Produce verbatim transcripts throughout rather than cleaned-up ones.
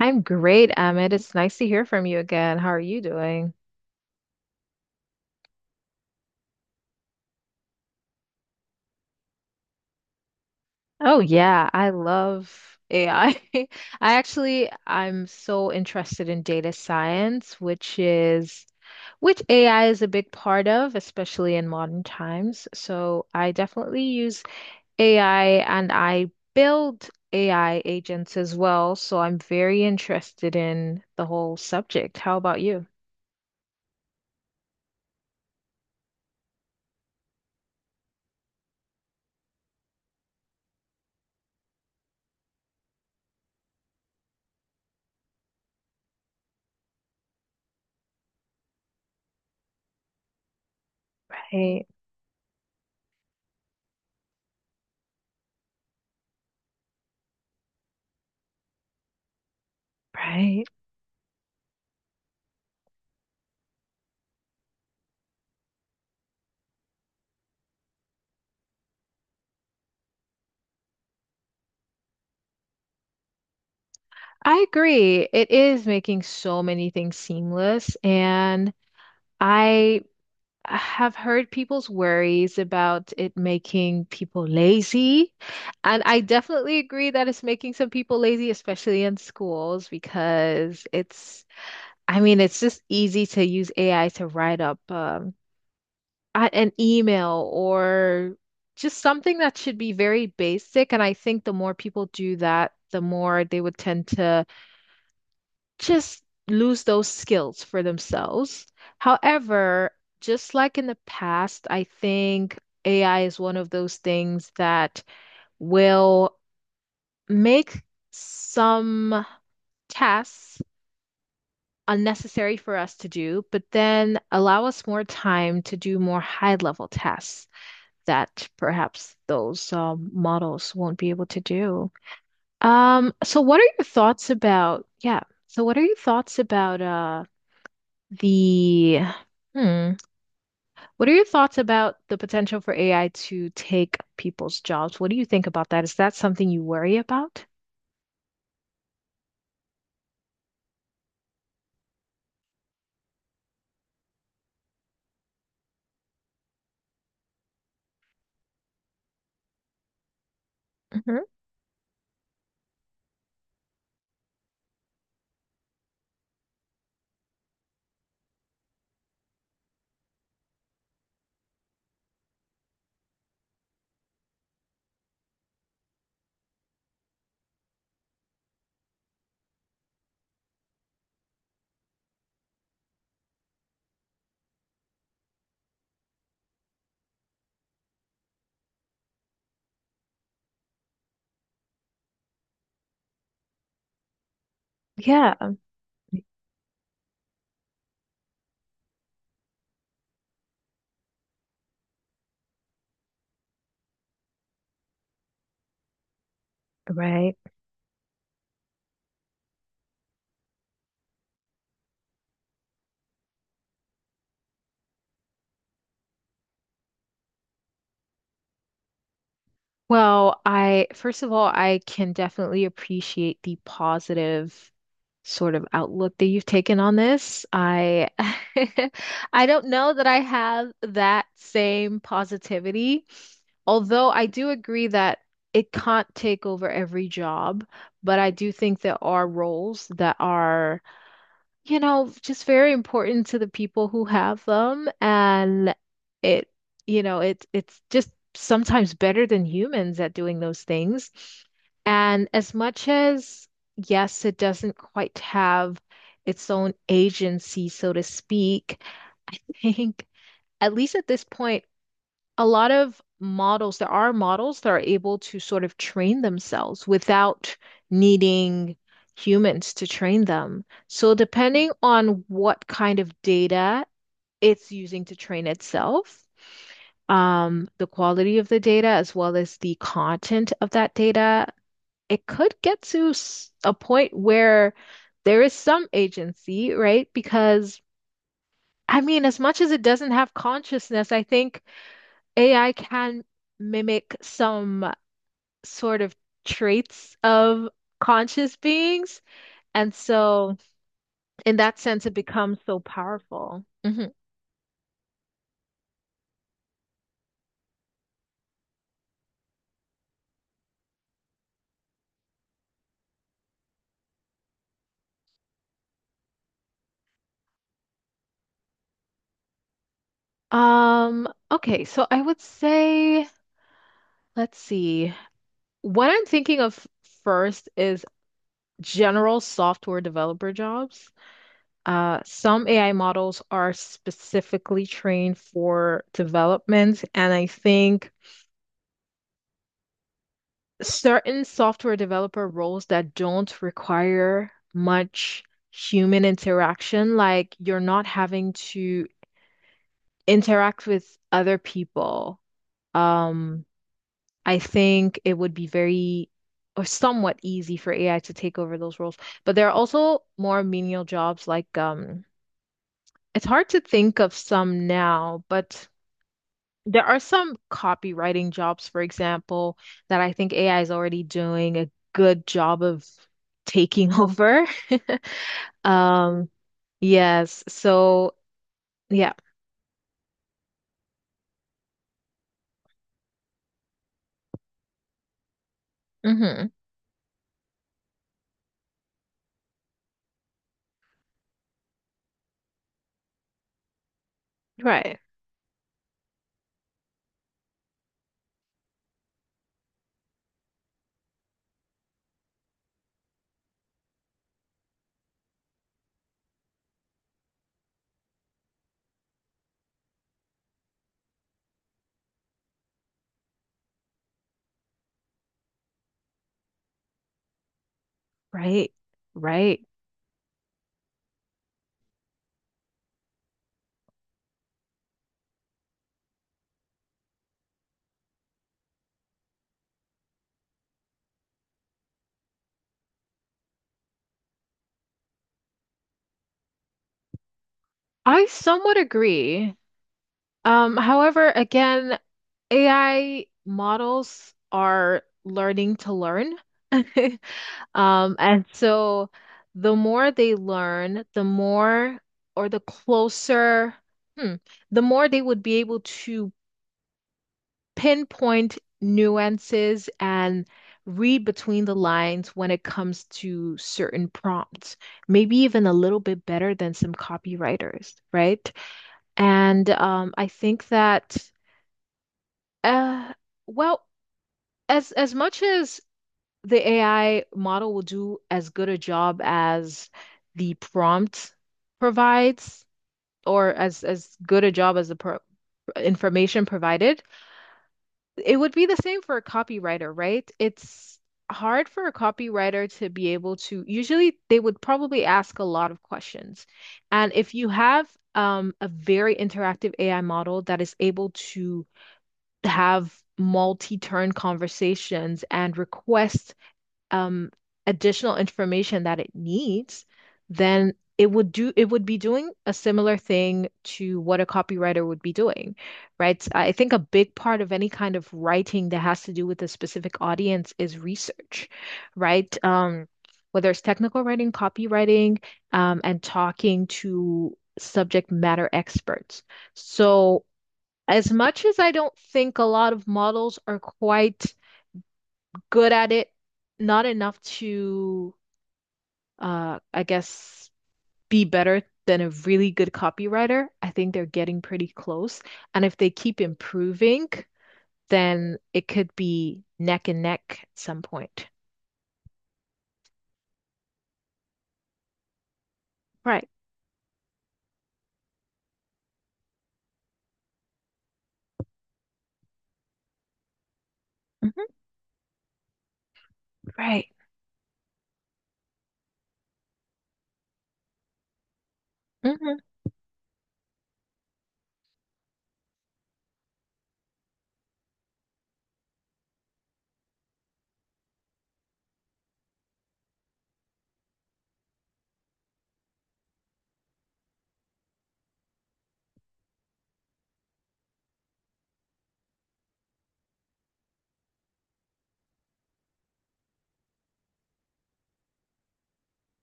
I'm great, Emmett. It's nice to hear from you again. How are you doing? Oh yeah, I love A I. I I actually I'm so interested in data science, which is which A I is a big part of, especially in modern times. So I definitely use A I and I build A I agents as well. So I'm very interested in the whole subject. How about you? Right, right. I agree. It is making so many things seamless, and I have heard people's worries about it making people lazy. And I definitely agree that it's making some people lazy, especially in schools, because it's, I mean, it's just easy to use A I to write up um, a- an email or just something that should be very basic. And I think the more people do that, the more they would tend to just lose those skills for themselves. However, just like in the past, I think A I is one of those things that will make some tasks unnecessary for us to do, but then allow us more time to do more high-level tasks that perhaps those um, models won't be able to do. Um, so what are your thoughts about, yeah, so what are your thoughts about uh the hmm, what are your thoughts about the potential for A I to take people's jobs? What do you think about that? Is that something you worry about? hmm Yeah, right. Well, I first of all, I can definitely appreciate the positive sort of outlook that you've taken on this. I I don't know that I have that same positivity. Although I do agree that it can't take over every job, but I do think there are roles that are, you know, just very important to the people who have them. And it, you know, it, it's just sometimes better than humans at doing those things. And as much as, yes, it doesn't quite have its own agency, so to speak, I think, at least at this point, a lot of models, there are models that are able to sort of train themselves without needing humans to train them. So, depending on what kind of data it's using to train itself, um, the quality of the data, as well as the content of that data, it could get to s- a point where there is some agency, right? Because I mean, as much as it doesn't have consciousness, I think A I can mimic some sort of traits of conscious beings. And so, in that sense, it becomes so powerful. Mhm. Um, okay, so I would say, let's see. What I'm thinking of first is general software developer jobs. Uh, some A I models are specifically trained for development, and I think certain software developer roles that don't require much human interaction, like you're not having to interact with other people. Um, I think it would be very or somewhat easy for A I to take over those roles. But there are also more menial jobs like um it's hard to think of some now, but there are some copywriting jobs, for example, that I think A I is already doing a good job of taking over. Um, yes. So, yeah. hmm Right. Right. Right. I somewhat agree. Um, however, again, A I models are learning to learn. Um, and so the more they learn, the more or the closer, hmm, the more they would be able to pinpoint nuances and read between the lines when it comes to certain prompts, maybe even a little bit better than some copywriters, right? And um, I think that, uh, well, as as much as the A I model will do as good a job as the prompt provides, or as as good a job as the pro information provided. It would be the same for a copywriter, right? It's hard for a copywriter to be able to, usually they would probably ask a lot of questions. And if you have um, a very interactive A I model that is able to have multi-turn conversations and request um, additional information that it needs, then it would do it would be doing a similar thing to what a copywriter would be doing, right? I think a big part of any kind of writing that has to do with a specific audience is research, right? Um, whether it's technical writing, copywriting, um, and talking to subject matter experts. So, as much as I don't think a lot of models are quite good at it, not enough to, uh, I guess, be better than a really good copywriter. I think they're getting pretty close. And if they keep improving, then it could be neck and neck at some point. Right. hmm Right. hmm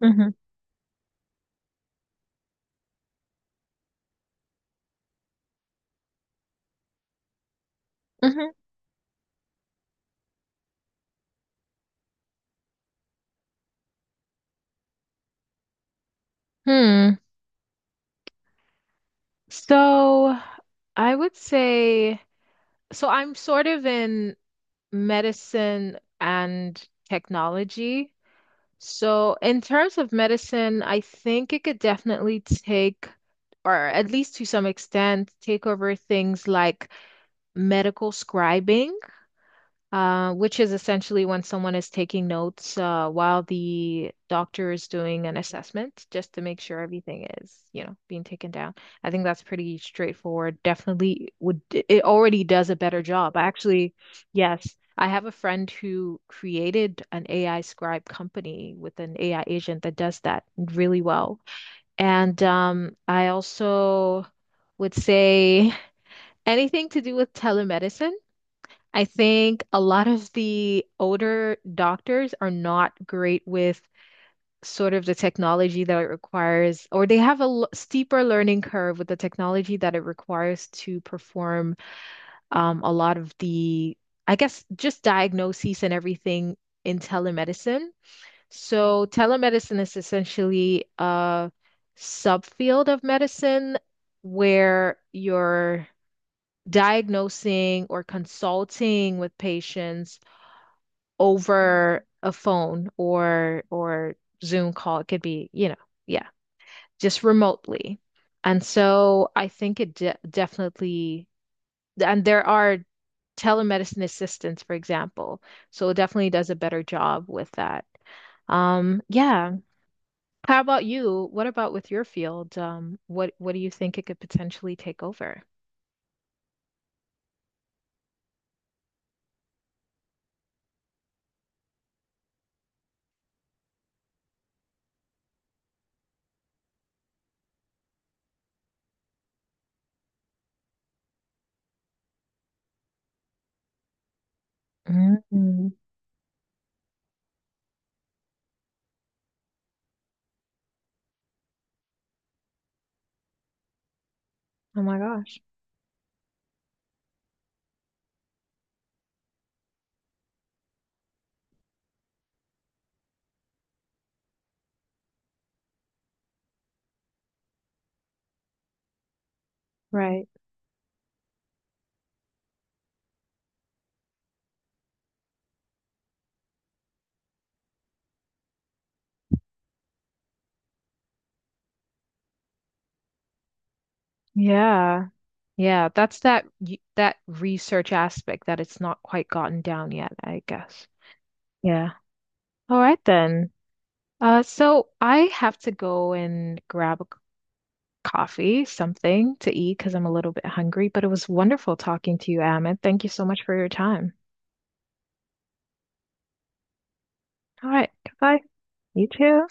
hmm hmm Hmm. So I would say, so I'm sort of in medicine and technology. So, in terms of medicine, I think it could definitely take, or at least to some extent, take over things like medical scribing uh, which is essentially when someone is taking notes uh, while the doctor is doing an assessment, just to make sure everything is, you know, being taken down. I think that's pretty straightforward. Definitely would, it already does a better job. Actually, yes, I have a friend who created an A I scribe company with an A I agent that does that really well. And um, I also would say anything to do with telemedicine. I think a lot of the older doctors are not great with sort of the technology that it requires, or they have a l- steeper learning curve with the technology that it requires to perform um, a lot of the, I guess, just diagnoses and everything in telemedicine. So telemedicine is essentially a subfield of medicine where you're diagnosing or consulting with patients over a phone or or Zoom call. It could be, you know, yeah, just remotely. And so I think it de definitely, and there are telemedicine assistants, for example. So it definitely does a better job with that. Um, yeah. How about you? What about with your field? Um, what what do you think it could potentially take over? Mm. Oh my gosh. Right. Yeah. Yeah, that's that y- that research aspect that it's not quite gotten down yet, I guess. Yeah. All right then. Uh, so I have to go and grab a c- coffee, something to eat because I'm a little bit hungry, but it was wonderful talking to you, Amit. Thank you so much for your time. All right, goodbye. You too.